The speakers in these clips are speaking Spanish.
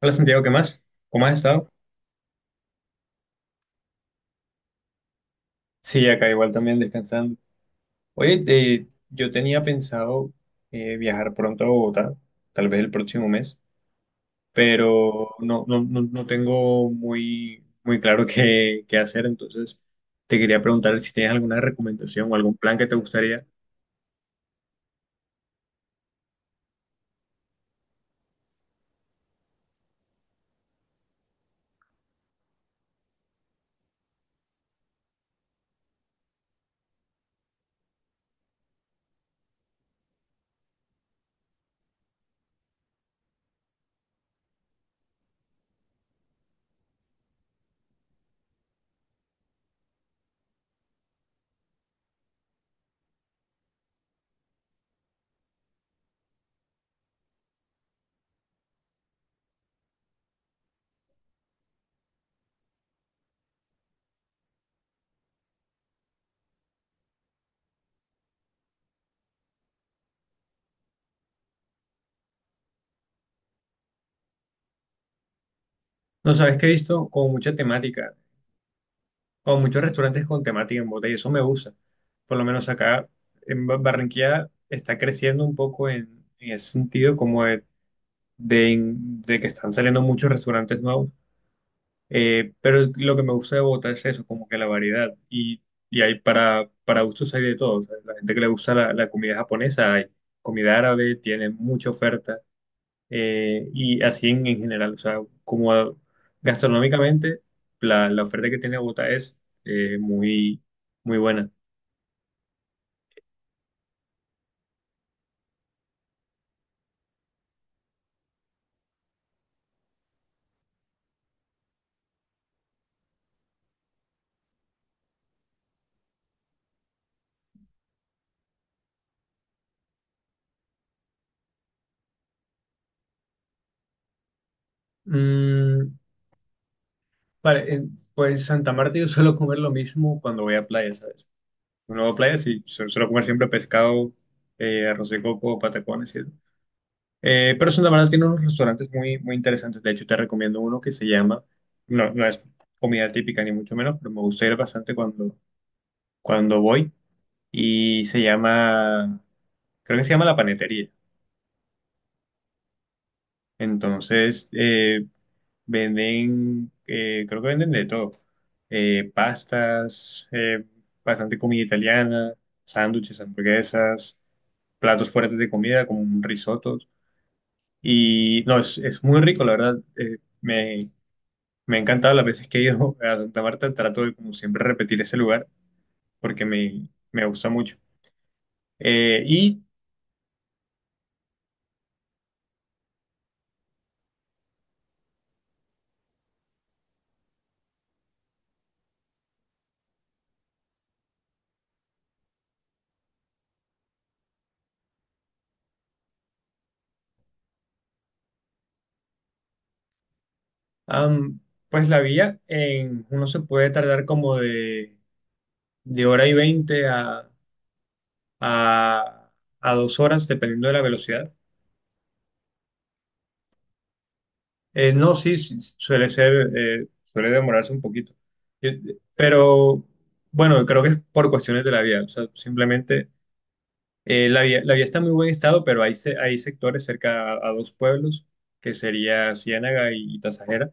Hola Santiago, ¿qué más? ¿Cómo has estado? Sí, acá igual también descansando. Oye, yo tenía pensado viajar pronto a Bogotá, tal vez el próximo mes, pero no, no, no, no tengo muy, muy claro qué hacer, entonces te quería preguntar si tienes alguna recomendación o algún plan que te gustaría. No sabes que he visto como mucha temática, como muchos restaurantes con temática en Bogotá y eso me gusta. Por lo menos acá en Barranquilla está creciendo un poco en ese sentido como de de, de que están saliendo muchos restaurantes nuevos, pero lo que me gusta de Bogotá es eso, como que la variedad y hay para gustos hay de todo, o sea, la gente que le gusta la comida japonesa, hay comida árabe, tiene mucha oferta, y así en general, o sea, como a- gastronómicamente la oferta que tiene Bogotá es, muy, muy buena. Mm, vale, pues Santa Marta yo suelo comer lo mismo cuando voy a playa, ¿sabes? Un nuevo playa, sí, se suelo comer siempre pescado, arroz de coco, patacones y eso. Pero Santa Marta tiene unos restaurantes muy, muy interesantes. De hecho, te recomiendo uno que se llama, no, no es comida típica ni mucho menos, pero me gusta ir bastante cuando voy. Y se llama, creo que se llama La Panetería. Entonces, venden, creo que venden de todo. Pastas, bastante comida italiana, sándwiches, hamburguesas, platos fuertes de comida, como un risotto. Y no, es, muy rico, la verdad. Me ha encantado las veces que he ido a Santa Marta. Trato de, como siempre, repetir ese lugar porque me gusta mucho. Eh, y am, pues la vía, uno se puede tardar como de hora y veinte a, a 2 horas, dependiendo de la velocidad. No, sí, sí, suele demorarse un poquito. Yo- pero bueno, creo que es por cuestiones de la vía. O sea, simplemente, la vía está en muy buen estado, pero hay sectores cerca a dos pueblos, que sería Ciénaga y Tasajera,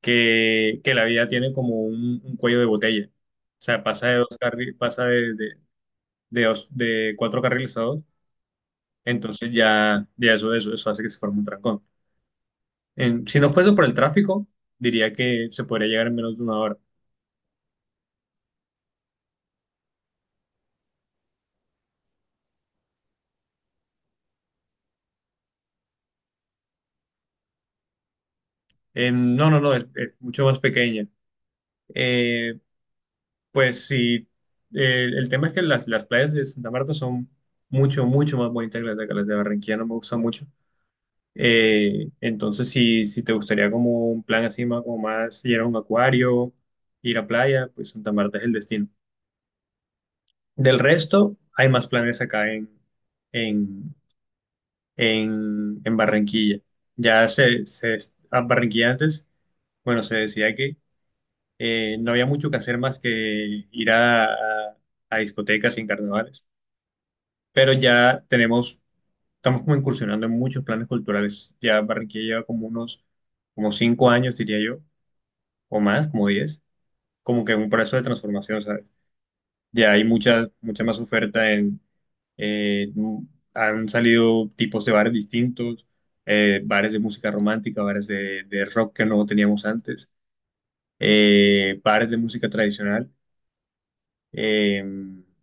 que la vía tiene como un cuello de botella. O sea, pasa de 4 carriles a dos. Entonces ya eso hace que se forme un trancón. Si no fuese por el tráfico, diría que se podría llegar en menos de una hora. No, no, no, es mucho más pequeña. Eh, pues sí, el tema es que las playas de Santa Marta son mucho, mucho más bonitas que las de Barranquilla, no me gustan mucho. Entonces, si te gustaría como un plan así, más, como más ir a un acuario, ir a playa, pues Santa Marta es el destino. Del resto, hay más planes acá en, en Barranquilla. Ya a Barranquilla antes, bueno, se decía que, no había mucho que hacer más que ir a discotecas y en carnavales, pero ya estamos como incursionando en muchos planes culturales. Ya Barranquilla lleva como 5 años, diría yo, o más, como 10, como que un proceso de transformación, ¿sabes? Ya hay mucha, mucha más oferta. Eh, mm, Han salido tipos de bares distintos, bares de música romántica, bares de rock que no teníamos antes, bares de música tradicional, eh,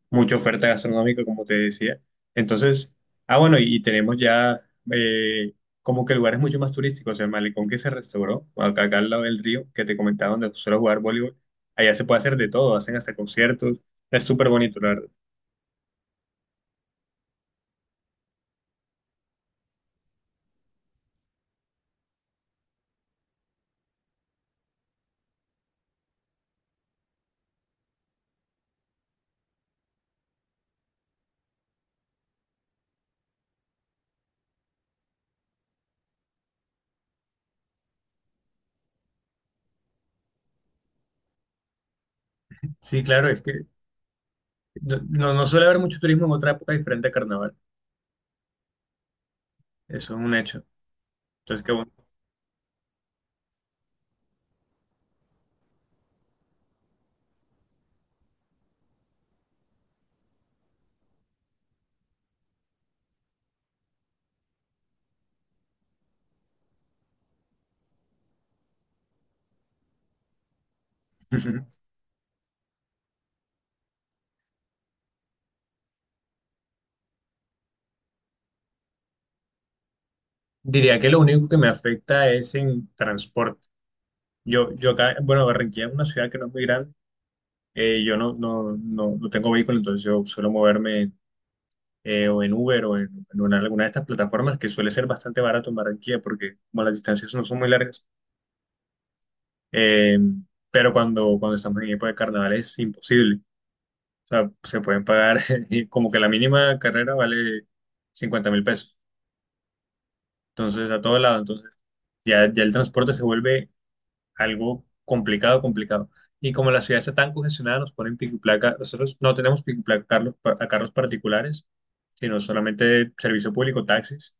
mucha oferta gastronómica, como te decía. Entonces, bueno, y tenemos ya, eh, como que lugares mucho más turísticos, el malecón que se restauró, acá al lado del río, que te comentaba, donde suelo jugar voleibol, allá se puede hacer de todo, hacen hasta conciertos, es súper bonito, la verdad. Sí, claro, es que... No suele haber mucho turismo en otra época diferente a carnaval. Eso es un hecho. Entonces, qué bueno. Diría que lo único que me afecta es en transporte. Yo acá, bueno, Barranquilla es una ciudad que no es muy grande. Yo no tengo vehículo, entonces yo suelo moverme, o en Uber o alguna de estas plataformas, que suele ser bastante barato en Barranquilla porque como las distancias no son muy largas. Eh, pero cuando estamos en época de carnaval es imposible. O sea, se pueden pagar, y como que la mínima carrera vale 50.000 pesos. Entonces, a todo lado. Entonces, ya el transporte se vuelve algo complicado, complicado. Y como la ciudad está tan congestionada, nos ponen pico y placa. Nosotros no tenemos pico y placa a carros particulares, sino solamente servicio público, taxis.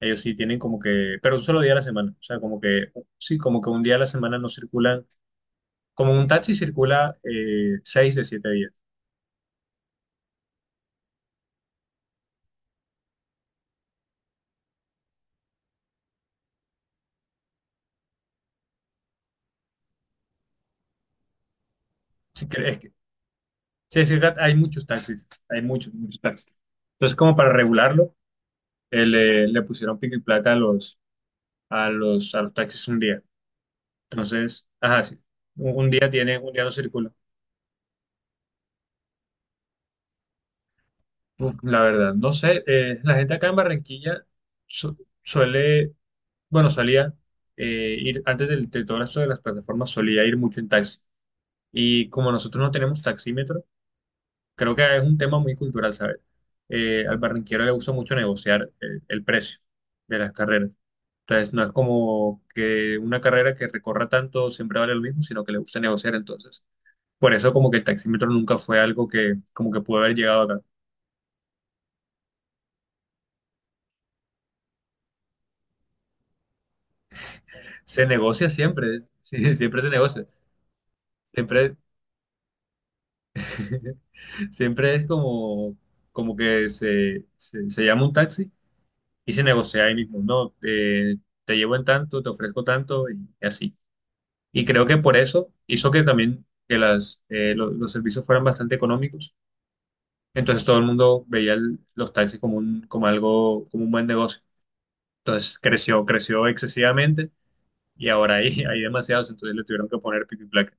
Ellos sí tienen como que, pero un solo día a la semana. O sea, como que, sí, como que un día a la semana no circulan. Como un taxi circula, 6 de 7 días. Sí, sí, hay muchos taxis, hay muchos, muchos taxis. Entonces, como para regularlo, le pusieron pico y placa a los, a los taxis un día. Entonces, ajá, sí, un día un día no circula. Uf, la verdad, no sé, la gente acá en Barranquilla su- suele, bueno, solía, ir, antes de todo esto de las plataformas, solía ir mucho en taxi. Y como nosotros no tenemos taxímetro, creo que es un tema muy cultural, ¿sabes? Al barranquero le gusta mucho negociar, el precio de las carreras. Entonces, no es como que una carrera que recorra tanto siempre vale lo mismo, sino que le gusta negociar entonces. Por eso como que el taxímetro nunca fue algo que como que pudo haber llegado acá. Se negocia siempre, sí, siempre se negocia. Siempre, siempre es como, que se llama un taxi y se negocia ahí mismo. No. Te llevo en tanto, te ofrezco tanto y, así. Y creo que por eso hizo que también que los servicios fueran bastante económicos. Entonces todo el mundo veía los taxis como un, como algo, como un buen negocio. Entonces creció excesivamente y ahora hay, hay demasiados, entonces le tuvieron que poner pico y placa.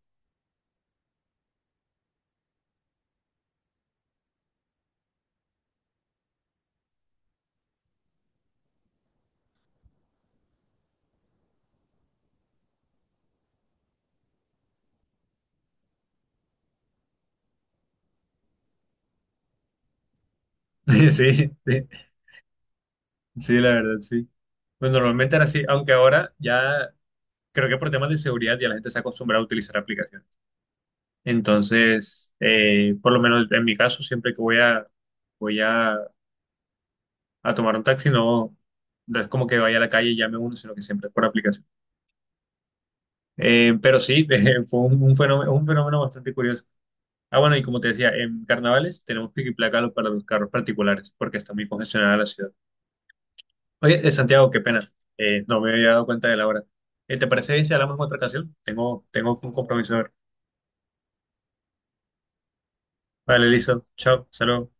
Sí, sí, sí, la verdad, sí. Pues normalmente era así, aunque ahora ya creo que por temas de seguridad ya la gente se ha acostumbrado a utilizar aplicaciones. Entonces, por lo menos en mi caso, siempre que voy a, a tomar un taxi, no, no es como que vaya a la calle y llame a uno, sino que siempre es por aplicación. Pero sí, fue un fenómeno, un fenómeno bastante curioso. Ah, bueno, y como te decía, en carnavales tenemos placarlo para los carros particulares, porque está muy congestionada la ciudad. Oye, Santiago, qué pena, no me había dado cuenta de la hora. ¿Te parece bien si hablamos en otra ocasión? Tengo un compromiso. Vale, listo. Chao, saludos.